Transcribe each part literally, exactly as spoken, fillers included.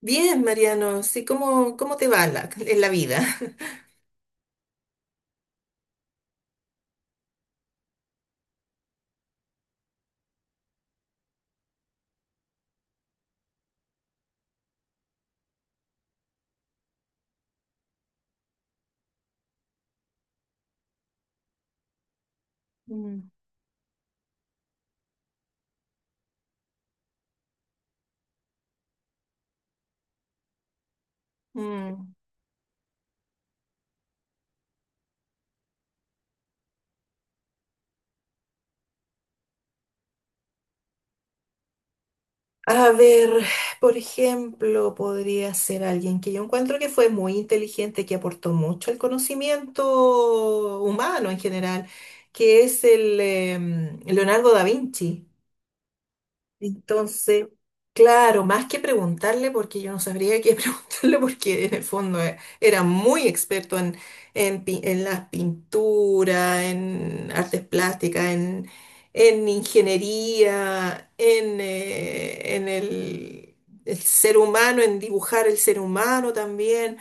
Bien, Mariano, sí, ¿cómo, cómo te va la- en la vida? Mm. Mm. A ver, por ejemplo, podría ser alguien que yo encuentro que fue muy inteligente, que aportó mucho al conocimiento humano en general, que es el em, Leonardo da Vinci. Entonces, claro, más que preguntarle, porque yo no sabría qué preguntarle, porque en el fondo eh, era muy experto en, en, pi- en las pinturas, en artes plásticas, en, en ingeniería, en, eh, en el, el ser humano, en dibujar el ser humano también,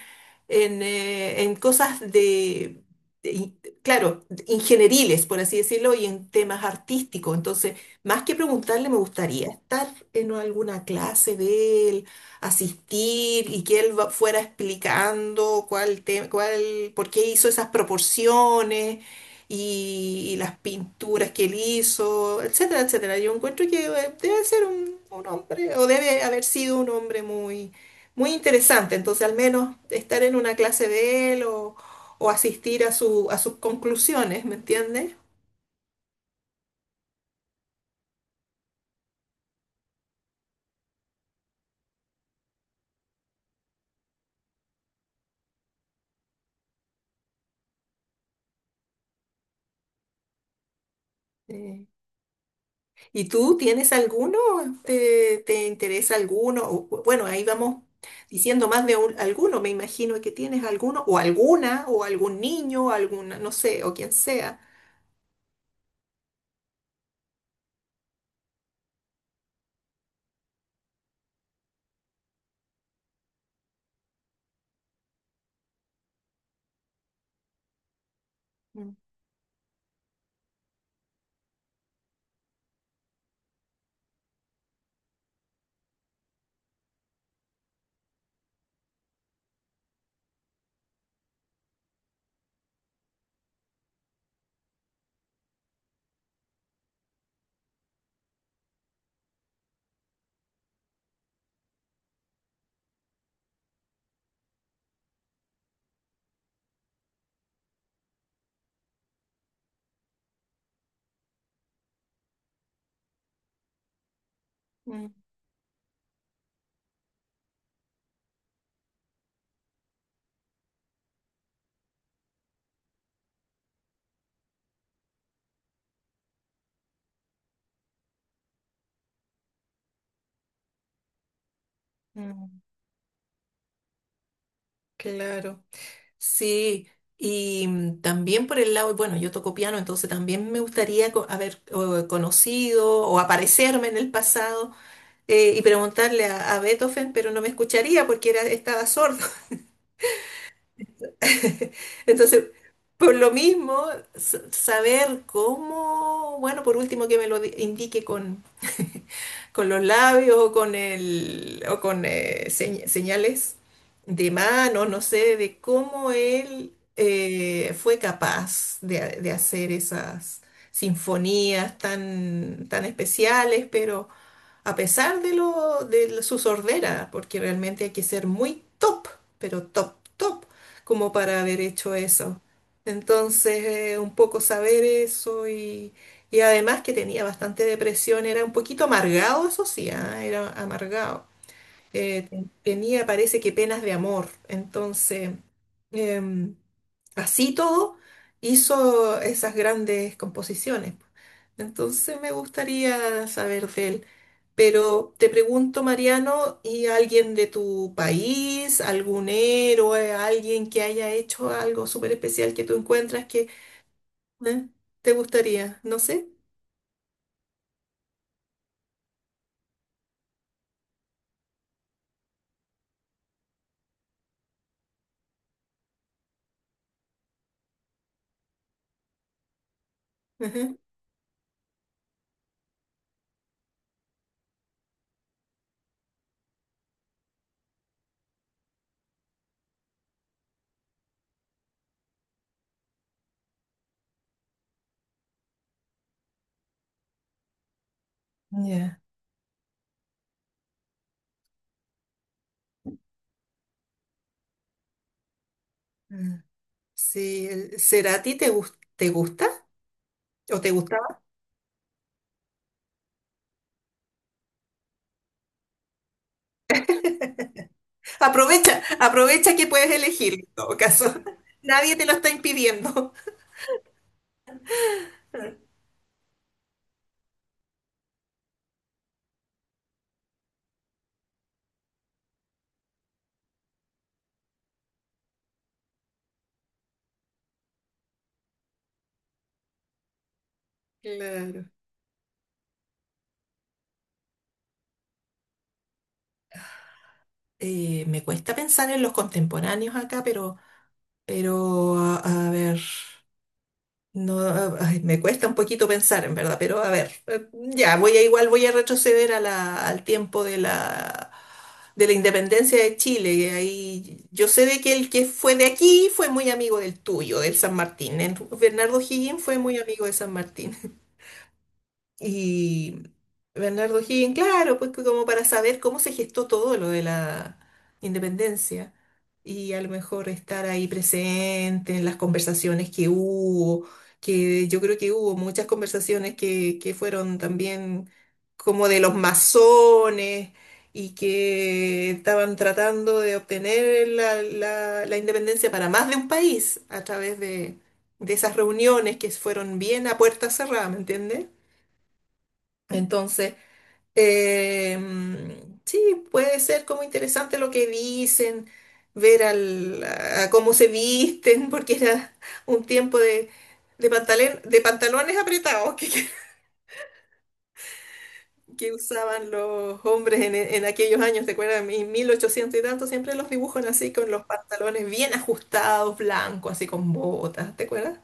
en, eh, en cosas de, de in- claro, ingenieriles, por así decirlo, y en temas artísticos. Entonces, más que preguntarle, me gustaría estar en alguna clase de él, asistir y que él va- fuera explicando cuál te- cuál, por qué hizo esas proporciones y, y las pinturas que él hizo, etcétera, etcétera. Yo encuentro que eh, debe ser un, un hombre o debe haber sido un hombre muy, muy interesante. Entonces, al menos estar en una clase de él o, o asistir a su, a sus conclusiones, ¿me entiendes? Eh, ¿Y tú tienes alguno? ¿Te, te interesa alguno? O, bueno, ahí vamos diciendo más de un- alguno, me imagino que tienes alguno, o alguna, o algún niño, o alguna, no sé, o quien sea. Mm. Mm. Mm. Claro, sí. Y mm, también por el lado, bueno, yo toco piano, entonces también me gustaría co- haber eh, conocido o aparecerme en el pasado eh, y preguntarle a, a Beethoven, pero no me escucharía porque era, estaba sordo. Entonces, por lo mismo, s- saber cómo, bueno, por último que me lo di- indique con, con los labios o con el, o con eh, señ- señales de mano, no sé, de cómo él eh, fue capaz de, de hacer esas sinfonías tan, tan especiales, pero a pesar de lo de su sordera, porque realmente hay que ser muy top, pero top, top, como para haber hecho eso. Entonces, eh, un poco saber eso y, y además que tenía bastante depresión, era un poquito amargado, eso sí, ah. Era amargado. Eh, ten- tenía, parece que penas de amor. Entonces, em, así todo, hizo esas grandes composiciones. Entonces me gustaría saber de él. Pero te pregunto, Mariano, ¿y alguien de tu país, algún héroe, alguien que haya hecho algo súper especial que tú encuentras que eh, te gustaría? No sé. Ajá. Ya. Mm. Sí, el Cerati te gus- te gusta o te gustaba. Aprovecha, aprovecha que puedes elegir en todo caso. Nadie te lo está impidiendo. Claro. Eh, me cuesta pensar en los contemporáneos acá, pero, pero a a ver. No, ay, me cuesta un poquito pensar, en verdad, pero a ver, eh, ya, voy a igual voy a retroceder a la, al tiempo de la, de la independencia de Chile. Y ahí yo sé de que el que fue de aquí fue muy amigo del tuyo, del San Martín. En- Bernardo Higgins fue muy amigo de San Martín. Y Bernardo Higgins, claro, pues que como para saber cómo se gestó todo lo de la independencia y a lo mejor estar ahí presente en las conversaciones que hubo, que yo creo que hubo muchas conversaciones que, que fueron también como de los masones y que estaban tratando de obtener la, la- la independencia para más de un país a través de, de esas reuniones que fueron bien a puerta cerrada, ¿me entiendes? Entonces, eh, sí, puede ser como interesante lo que dicen, ver al, a cómo se visten, porque era un tiempo de, de, pantalen- de pantalones apretados que, que- que usaban los hombres en, en aquellos años, ¿te acuerdas? En mil ochocientos y tanto, siempre los dibujan así, con los pantalones bien ajustados, blancos, así con botas, ¿te acuerdas?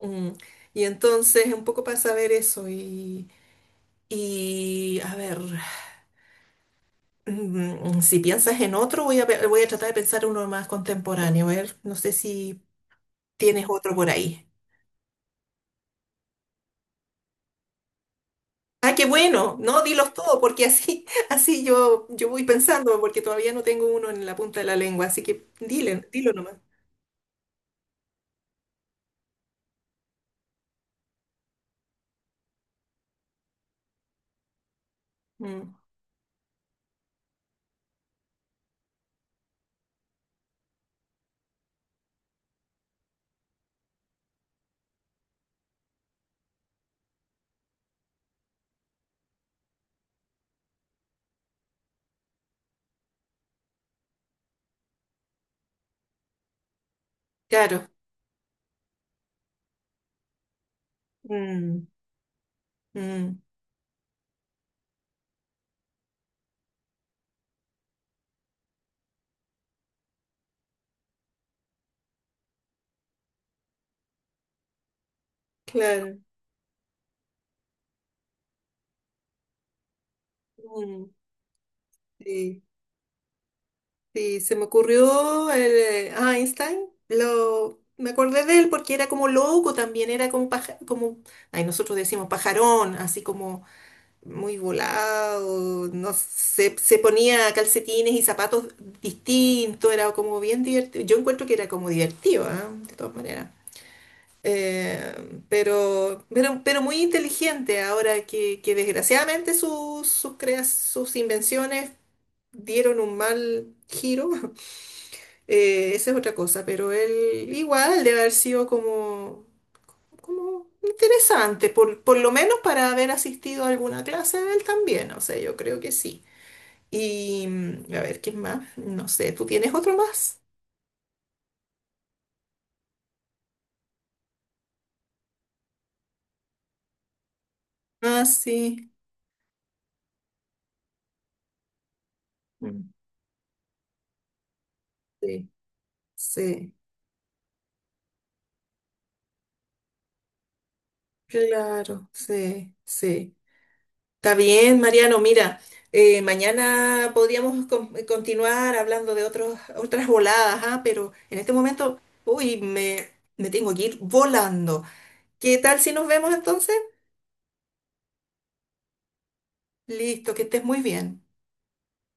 Mm. Y entonces, un poco para saber eso y, y a ver. Mm. Si piensas en otro, voy a, pe- voy a tratar de pensar uno más contemporáneo. A ver, no sé si tienes otro por ahí. Ah, qué bueno. No, dilos todo, porque así, así yo, yo voy pensando, porque todavía no tengo uno en la punta de la lengua. Así que dile, dilo nomás. Mm, claro. Mm. Mm, claro. Mm, sí, sí, se me ocurrió el, eh, Einstein. Lo, me acordé de él porque era como loco también, era como, paja- como, ay, nosotros decimos pajarón, así como muy volado, no sé, se ponía calcetines y zapatos distintos, era como bien divertido. Yo encuentro que era como divertido, ¿ah? De todas maneras. Eh, pero, pero, pero muy inteligente ahora que, que desgraciadamente sus, sus, crea- sus invenciones dieron un mal giro. Eh, esa es otra cosa, pero él igual debe haber sido como como interesante, por, por lo menos para haber asistido a alguna clase de él también, o sea, yo creo que sí. Y mm, a ver, ¿quién más? No sé, ¿tú tienes otro más? Ah, sí. Mm. Sí, sí, claro, sí, sí. Está bien, Mariano, mira, eh, mañana podríamos con- continuar hablando de otros, otras voladas, ah. Pero en este momento, uy, me, me tengo que ir volando. ¿Qué tal si nos vemos entonces? Listo, que estés muy bien.